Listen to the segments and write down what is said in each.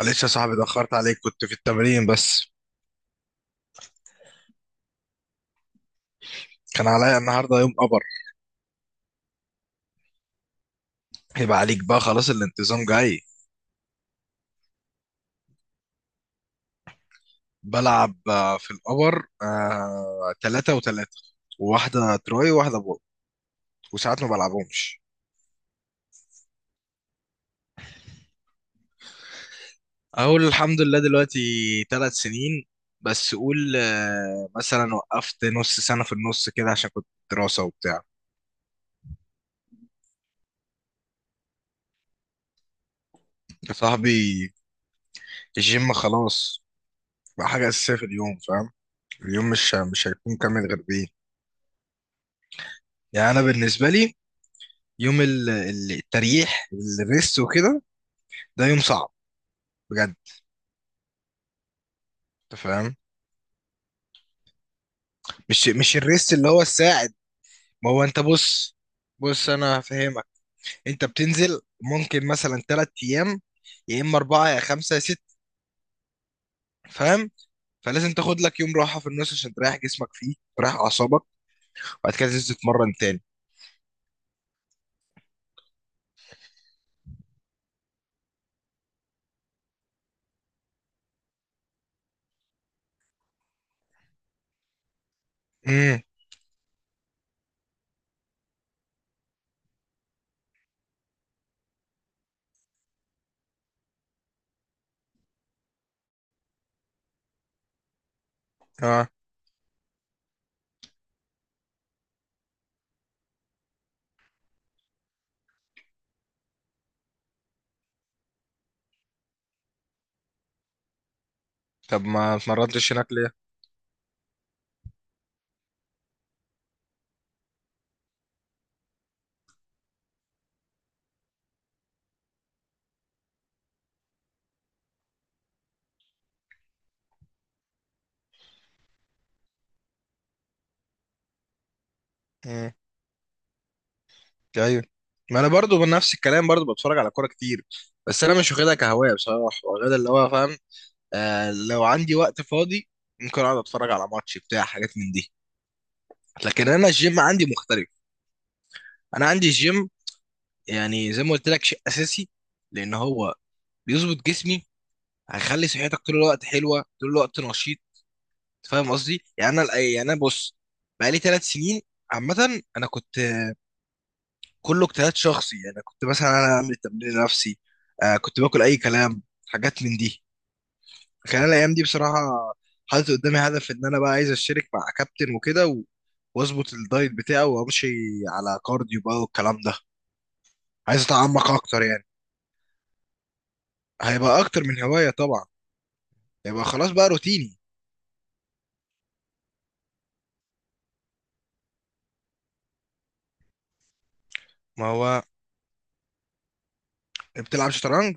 معلش يا صاحبي، اتأخرت عليك، كنت في التمرين بس. كان عليا النهارده يوم قبر. يبقى عليك بقى خلاص، الانتظام جاي. بلعب في القبر تلاتة وتلاتة، وواحدة تراي وواحدة بولت. وساعات ما بلعبهمش. أقول الحمد لله دلوقتي 3 سنين. بس قول مثلا وقفت نص سنة في النص كده عشان كنت دراسة وبتاع. يا صاحبي، الجيم خلاص بقى حاجة أساسية في اليوم، فاهم. اليوم مش هيكون كامل غير بيه. يعني أنا بالنسبة لي، يوم التريح، الريست وكده، ده يوم صعب بجد. انت فاهم، مش الريست اللي هو الساعد. ما هو انت بص. بص انا هفهمك. انت بتنزل ممكن مثلا 3 ايام، يا اما اربعه يا خمسه يا ست، فاهم. فلازم تاخد لك يوم راحه في النص عشان تريح جسمك فيه، تريح اعصابك. وبعد كده تنزل تتمرن تاني. امم اه، طب ما اتمرنتش هناك ليه. امم ايوه، ما انا برضو بنفس الكلام، برضو بتفرج على كوره كتير. بس انا مش واخدها كهوايه بصراحه، واخدها اللي هو فاهم، آه، لو عندي وقت فاضي ممكن اقعد اتفرج على ماتش بتاع حاجات من دي. لكن انا الجيم عندي مختلف. انا عندي الجيم، يعني زي ما قلت لك، شيء اساسي، لان هو بيظبط جسمي، هيخلي صحتك طول الوقت حلوه، طول الوقت نشيط. فاهم قصدي. يعني انا يعني انا بص. بقالي 3 سنين. عامه انا كنت كله اجتهاد شخصي، يعني كنت مثلا انا اعمل تمرين نفسي، آه، كنت باكل اي كلام، حاجات من دي. كان أنا الايام دي بصراحه حاطط قدامي هدف ان انا بقى عايز اشترك مع كابتن وكده واظبط الدايت بتاعي، وامشي على كارديو بقى والكلام ده. عايز اتعمق اكتر يعني. هيبقى اكتر من هوايه طبعا. هيبقى خلاص بقى روتيني. ما هو بتلعب شطرنج.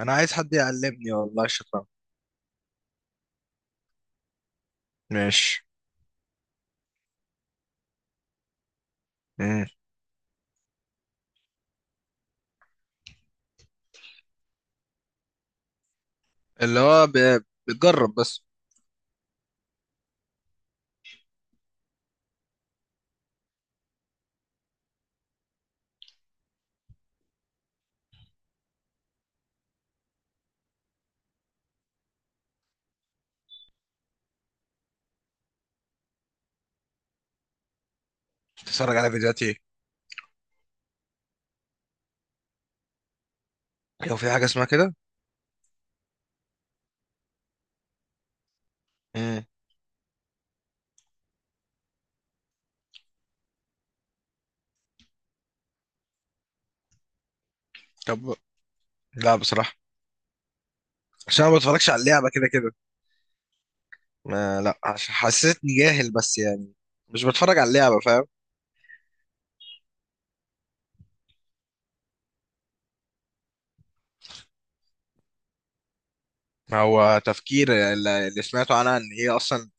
انا عايز حد يعلمني والله الشطرنج. ماشي. امم اللي هو بتجرب بس. تتفرج على فيديوهات ايه؟ لو في حاجه اسمها كده. امم طب، لا بصراحه عشان أنا ما بتفرجش على اللعبه كده كده. ما لا حسيتني جاهل بس يعني، مش بتفرج على اللعبة فاهم. هو تفكير اللي سمعته عنها ان هي اصلا،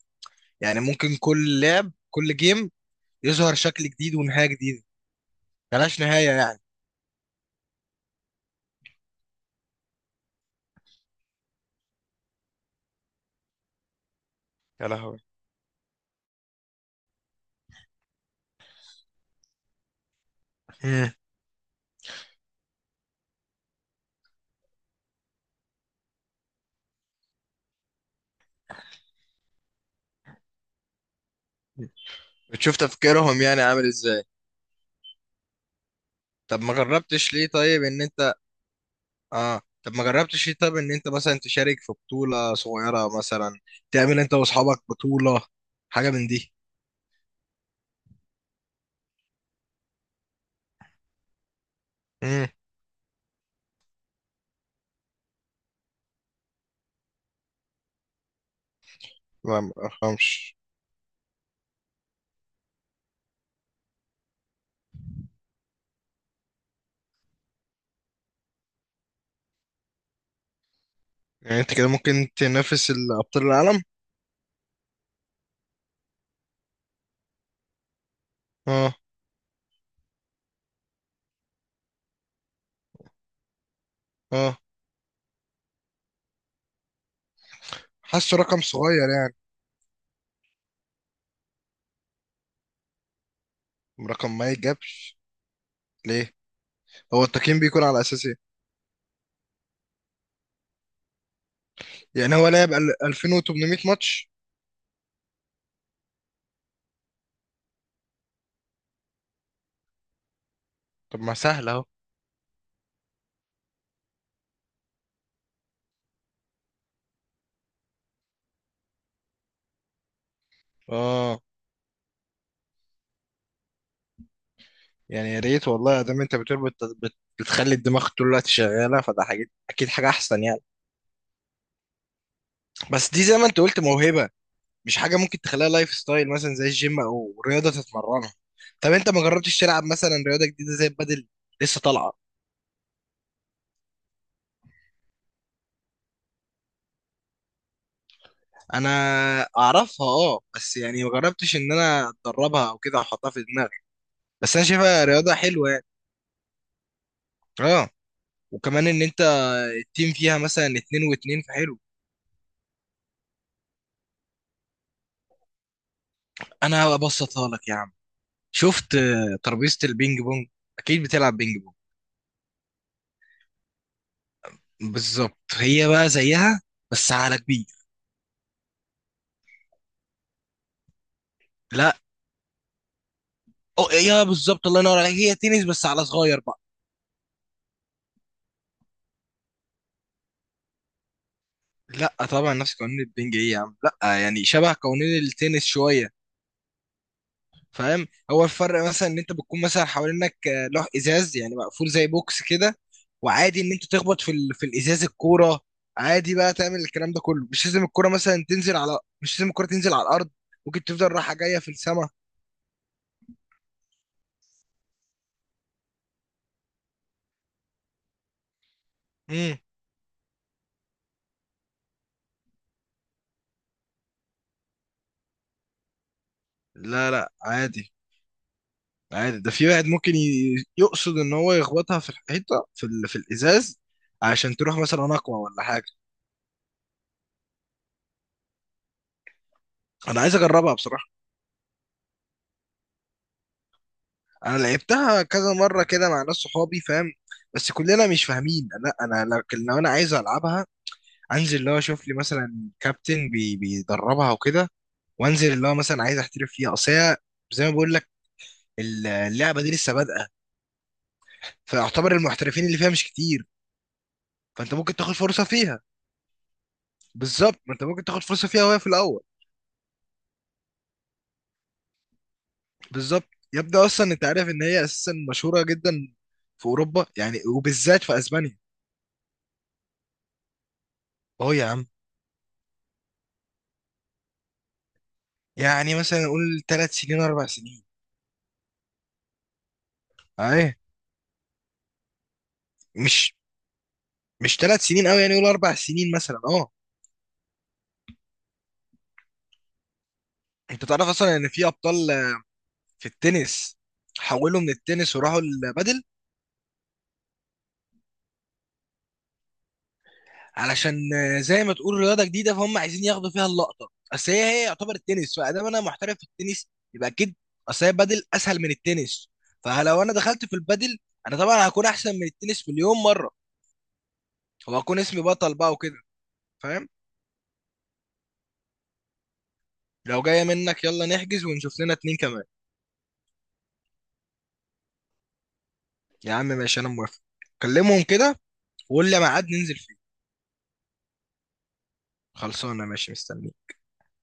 يعني ممكن كل لعب، كل جيم، يظهر شكل جديد ونهاية جديدة. ملهاش نهاية يعني. يا لهوي. مم. بتشوف تفكيرهم يعني عامل ازاي. طب ما جربتش ليه طيب ان انت، اه طب ما جربتش ليه طيب ان انت مثلا تشارك في بطولة صغيرة، مثلا تعمل انت واصحابك بطولة، حاجة من دي. امم لا، ما افهمش. يعني انت كده ممكن تنافس الابطال العالم. اه. اه، حاسه رقم صغير يعني. رقم ما يتجابش. ليه؟ هو التقييم بيكون على اساس ايه؟ يعني هو لعب 2800 ماتش؟ طب ما سهل اهو. اه، يعني يا ريت والله، ادام انت بتقول بت... بتخلي الدماغ طول الوقت شغاله، فده حاجه اكيد حاجه احسن يعني. بس دي زي ما انت قلت موهبه، مش حاجه ممكن تخليها لايف ستايل مثلا زي الجيم او رياضه تتمرنها. طب انت ما جربتش تلعب مثلا رياضه جديده زي البادل؟ لسه طالعه. انا اعرفها اه، بس يعني ما جربتش ان انا اتدربها او كده احطها في دماغي. بس انا شايفها رياضه حلوه يعني. اه. وكمان ان انت، التيم فيها مثلا اتنين واتنين، فحلو. انا هبسطها لك يا عم. شفت ترابيزه البينج بونج، اكيد بتلعب بينج بونج. بالظبط، هي بقى زيها بس على كبير. لا، أو يا بالظبط، الله ينور عليك، هي تنس بس على صغير بقى. لا طبعا، نفس قوانين البينج ايه يا عم، لا يعني شبه قوانين التنس شويه، فاهم. هو الفرق مثلا ان انت بتكون مثلا حوالينك لوح ازاز، يعني مقفول زي بوكس كده. وعادي ان انت تخبط في في الازاز الكوره، عادي بقى، تعمل الكلام ده كله. مش لازم الكوره مثلا تنزل على، مش لازم الكوره تنزل على الارض، ممكن تفضل رايحه جايه في السماء. امم لا لا، عادي. عادي، ده في واحد ممكن يقصد ان هو يخبطها في الحيطه في في الازاز، عشان تروح مثلا اقوى ولا حاجه. انا عايز اجربها بصراحه. انا لعبتها كذا مره كده مع ناس صحابي فاهم، بس كلنا مش فاهمين. لا انا، لكن لو انا عايز العبها، انزل اللي هو اشوف لي مثلا كابتن بي بيدربها وكده، وانزل اللي هو مثلا عايز احترف فيها. اصل هي، زي ما بقول لك، اللعبه دي لسه بادئه، فاعتبر المحترفين اللي فيها مش كتير، فانت ممكن تاخد فرصه فيها. بالظبط، ما انت ممكن تاخد فرصه فيها وهي في الاول. بالظبط، يبدا اصلا انت عارف ان هي اساسا مشهوره جدا في اوروبا، يعني وبالذات في اسبانيا. اهو يا عم. يعني مثلا نقول 3 سنين 4 سنين. اي. مش 3 سنين قوي يعني، يقول 4 سنين مثلا، اه. انت تعرف اصلا ان في ابطال في التنس، حولوا من التنس وراحوا البادل. علشان زي ما تقول رياضه جديده، فهم عايزين ياخدوا فيها اللقطه، اصل هي، هي يعتبر التنس، فادام انا محترف في التنس يبقى اكيد، اصل هي البادل اسهل من التنس، فلو انا دخلت في البادل، انا طبعا هكون احسن من التنس مليون مره، وهكون اسمي بطل بقى وكده، فاهم. لو جايه منك، يلا نحجز ونشوف لنا اتنين كمان. يا عم ماشي، انا موافق. كلمهم كده، وقول لي ميعاد ننزل. خلصانه، ماشي، مستني.